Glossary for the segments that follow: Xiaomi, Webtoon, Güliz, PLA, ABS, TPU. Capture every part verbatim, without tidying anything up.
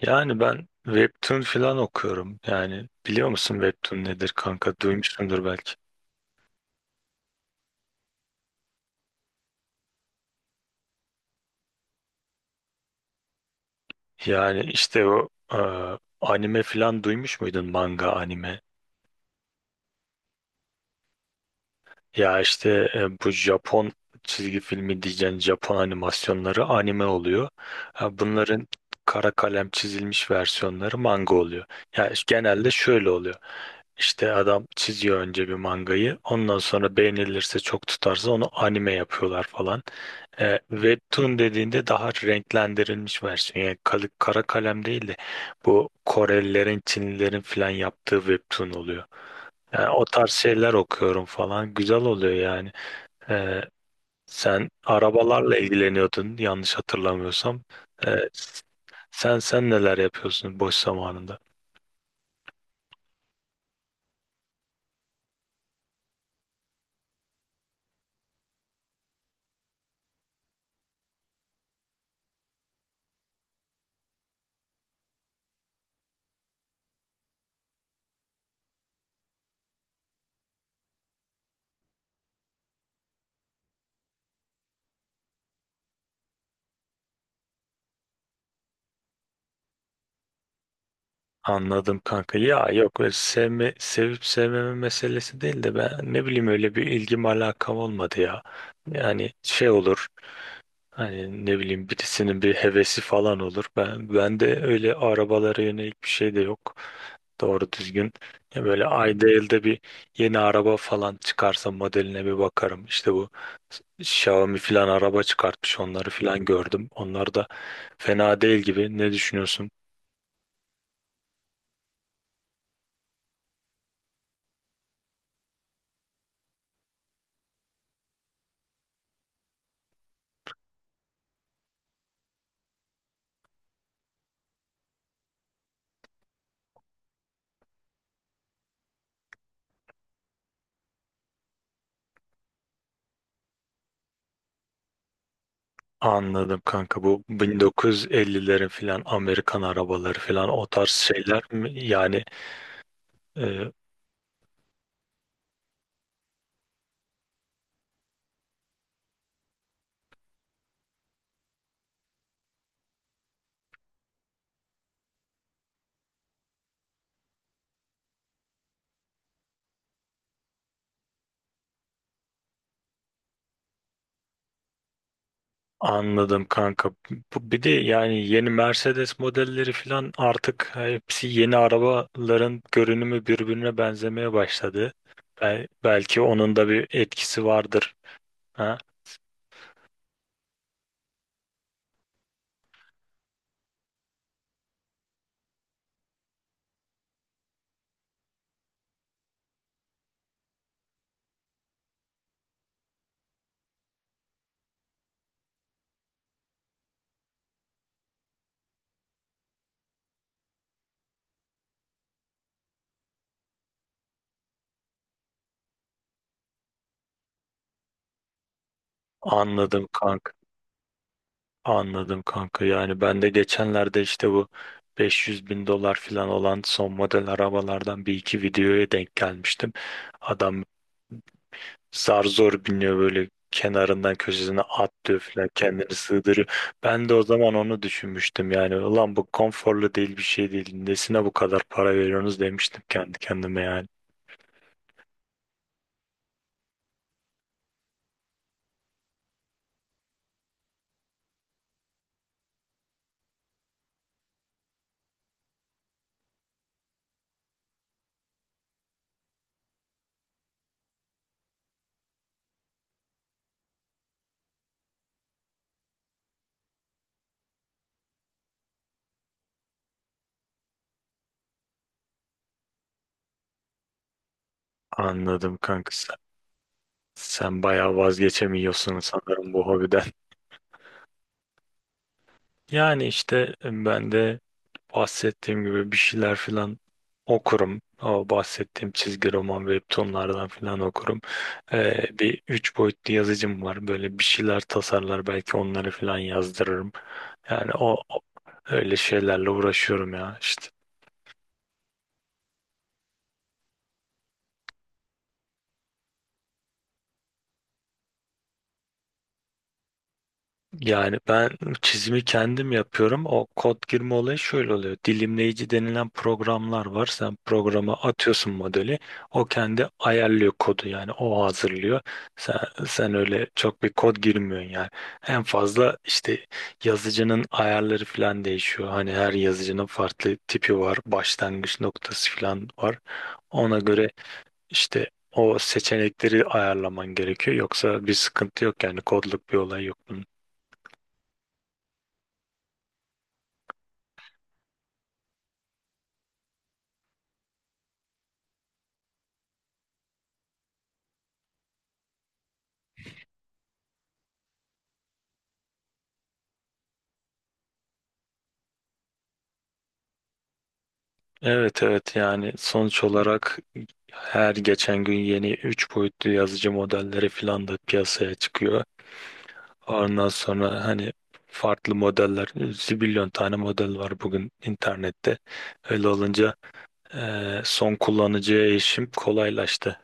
Yani ben Webtoon falan okuyorum. Yani biliyor musun Webtoon nedir kanka? Duymuşsundur belki. Yani işte o e, anime falan duymuş muydun? Manga, anime. Ya işte e, bu Japon çizgi filmi diyeceğin Japon animasyonları anime oluyor. Ha, bunların kara kalem çizilmiş versiyonları manga oluyor. Ya işte genelde şöyle oluyor. İşte adam çiziyor önce bir mangayı. Ondan sonra beğenilirse çok tutarsa onu anime yapıyorlar falan. E, Webtoon dediğinde daha renklendirilmiş versiyon. Yani kalı- kara kalem değil de bu Korelilerin, Çinlilerin falan yaptığı webtoon oluyor. Yani o tarz şeyler okuyorum falan. Güzel oluyor yani. Ee, sen arabalarla ilgileniyordun yanlış hatırlamıyorsam. Ee, sen sen neler yapıyorsun boş zamanında? Anladım kanka. Ya yok, öyle sevme, sevip sevmeme meselesi değil de ben ne bileyim, öyle bir ilgim alakam olmadı ya. Yani şey olur. Hani ne bileyim, birisinin bir hevesi falan olur. Ben ben de öyle arabalara yönelik bir şey de yok. Doğru düzgün. Ya böyle ayda elde bir yeni araba falan çıkarsa modeline bir bakarım. İşte bu Xiaomi falan araba çıkartmış. Onları falan gördüm. Onlar da fena değil gibi. Ne düşünüyorsun? Anladım kanka, bu bin dokuz yüz ellilerin filan Amerikan arabaları filan o tarz şeyler mi? Yani e, Anladım kanka. Bu bir de yani, yeni Mercedes modelleri falan artık, hepsi yeni arabaların görünümü birbirine benzemeye başladı. Bel- belki onun da bir etkisi vardır. Ha? Anladım kanka. Anladım kanka. Yani ben de geçenlerde işte bu beş yüz bin dolar falan olan son model arabalardan bir iki videoya denk gelmiştim. Adam zar zor biniyor, böyle kenarından köşesine atlıyor falan, kendini sığdırıyor. Ben de o zaman onu düşünmüştüm, yani ulan bu konforlu değil, bir şey değil, nesine bu kadar para veriyorsunuz, demiştim kendi kendime yani. Anladım kanka sen, sen bayağı vazgeçemiyorsun sanırım bu hobiden. Yani işte ben de bahsettiğim gibi bir şeyler filan okurum. O bahsettiğim çizgi roman, webtoonlardan filan okurum. Ee, bir üç boyutlu yazıcım var. Böyle bir şeyler tasarlar, belki onları filan yazdırırım. Yani o o- öyle şeylerle uğraşıyorum ya. İşte. Yani ben çizimi kendim yapıyorum. O kod girme olayı şöyle oluyor. Dilimleyici denilen programlar var. Sen programa atıyorsun modeli. O kendi ayarlıyor kodu, yani o hazırlıyor. Sen, sen öyle çok bir kod girmiyorsun yani. En fazla işte yazıcının ayarları falan değişiyor. Hani her yazıcının farklı tipi var. Başlangıç noktası falan var. Ona göre işte o seçenekleri ayarlaman gerekiyor. Yoksa bir sıkıntı yok, yani kodluk bir olay yok bunun. Evet, evet, yani sonuç olarak her geçen gün yeni üç boyutlu yazıcı modelleri falan da piyasaya çıkıyor. Ondan sonra hani farklı modeller, zibilyon tane model var bugün internette. Öyle olunca eee, son kullanıcıya erişim kolaylaştı.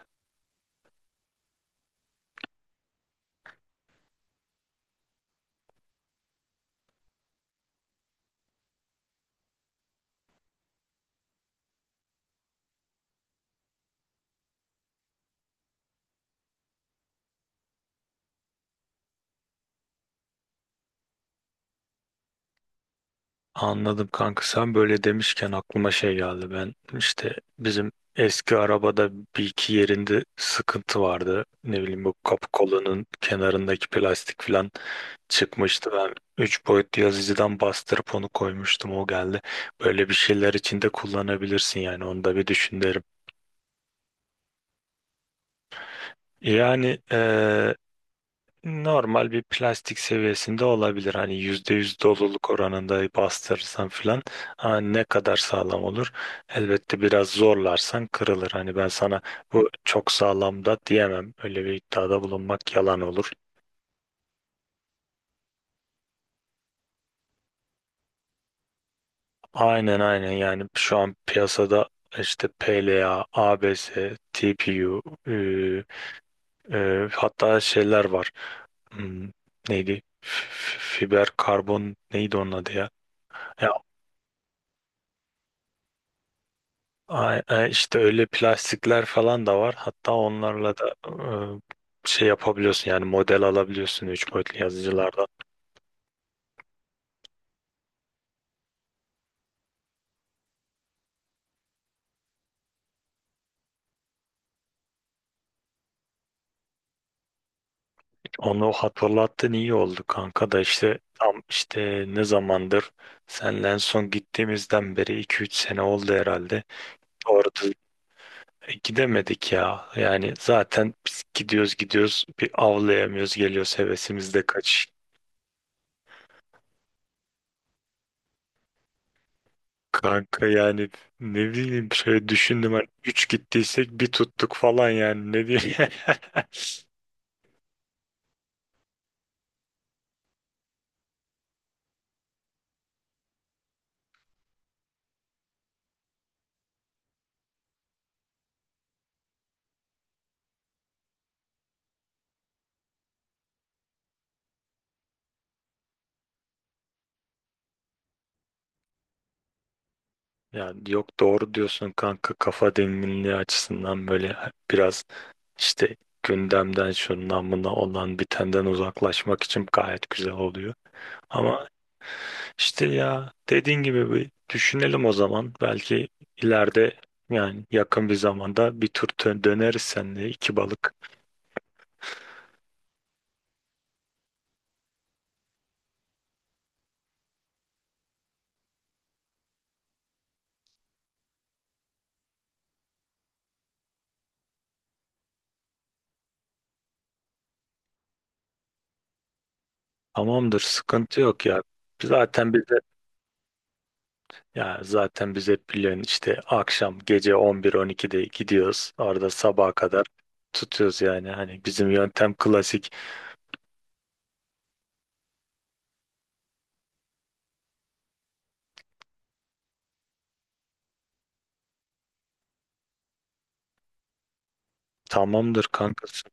Anladım kanka, sen böyle demişken aklıma şey geldi. Ben işte bizim eski arabada bir iki yerinde sıkıntı vardı. Ne bileyim, bu kapı kolunun kenarındaki plastik falan çıkmıştı. Ben üç boyutlu yazıcıdan bastırıp onu koymuştum. O geldi. Böyle bir şeyler içinde kullanabilirsin, yani onu da bir düşün derim. Yani eee, normal bir plastik seviyesinde olabilir. Hani yüzde yüz doluluk oranında bastırırsan filan, ha, ne kadar sağlam olur? Elbette biraz zorlarsan kırılır. Hani ben sana bu çok sağlam da diyemem. Öyle bir iddiada bulunmak yalan olur. Aynen, aynen, yani şu an piyasada işte P L A, A B S, T P U, e, e, hatta şeyler var. Hmm, neydi? F- f- Fiber karbon neydi onun adı ya? Ya a- a- işte öyle plastikler falan da var. Hatta onlarla da e, şey yapabiliyorsun, yani model alabiliyorsun üç boyutlu yazıcılardan. Onu hatırlattın, iyi oldu kanka, da işte tam işte ne zamandır, senle en son gittiğimizden beri iki üç sene oldu herhalde. Orada gidemedik ya. Yani zaten biz gidiyoruz, gidiyoruz, bir avlayamıyoruz, geliyoruz, hevesimiz de kaç. Kanka yani ne bileyim, şöyle düşündüm, hani üç gittiysek bir tuttuk falan, yani ne diyeyim. Yani yok, doğru diyorsun kanka, kafa dinginliği açısından böyle biraz işte gündemden, şundan buna, olan bitenden uzaklaşmak için gayet güzel oluyor. Ama İşte ya dediğin gibi, bir düşünelim o zaman. Belki ileride, yani yakın bir zamanda bir tur dö- döneriz seninle iki balık. Tamamdır, sıkıntı yok ya. Zaten bize ya zaten biz hep biliyorsun işte akşam gece on bir, on iki'de gidiyoruz. Orada sabaha kadar tutuyoruz yani. Hani bizim yöntem klasik. Tamamdır kankası.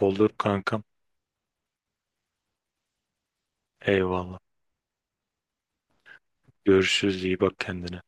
Olur kankam. Eyvallah. Görüşürüz, iyi bak kendine.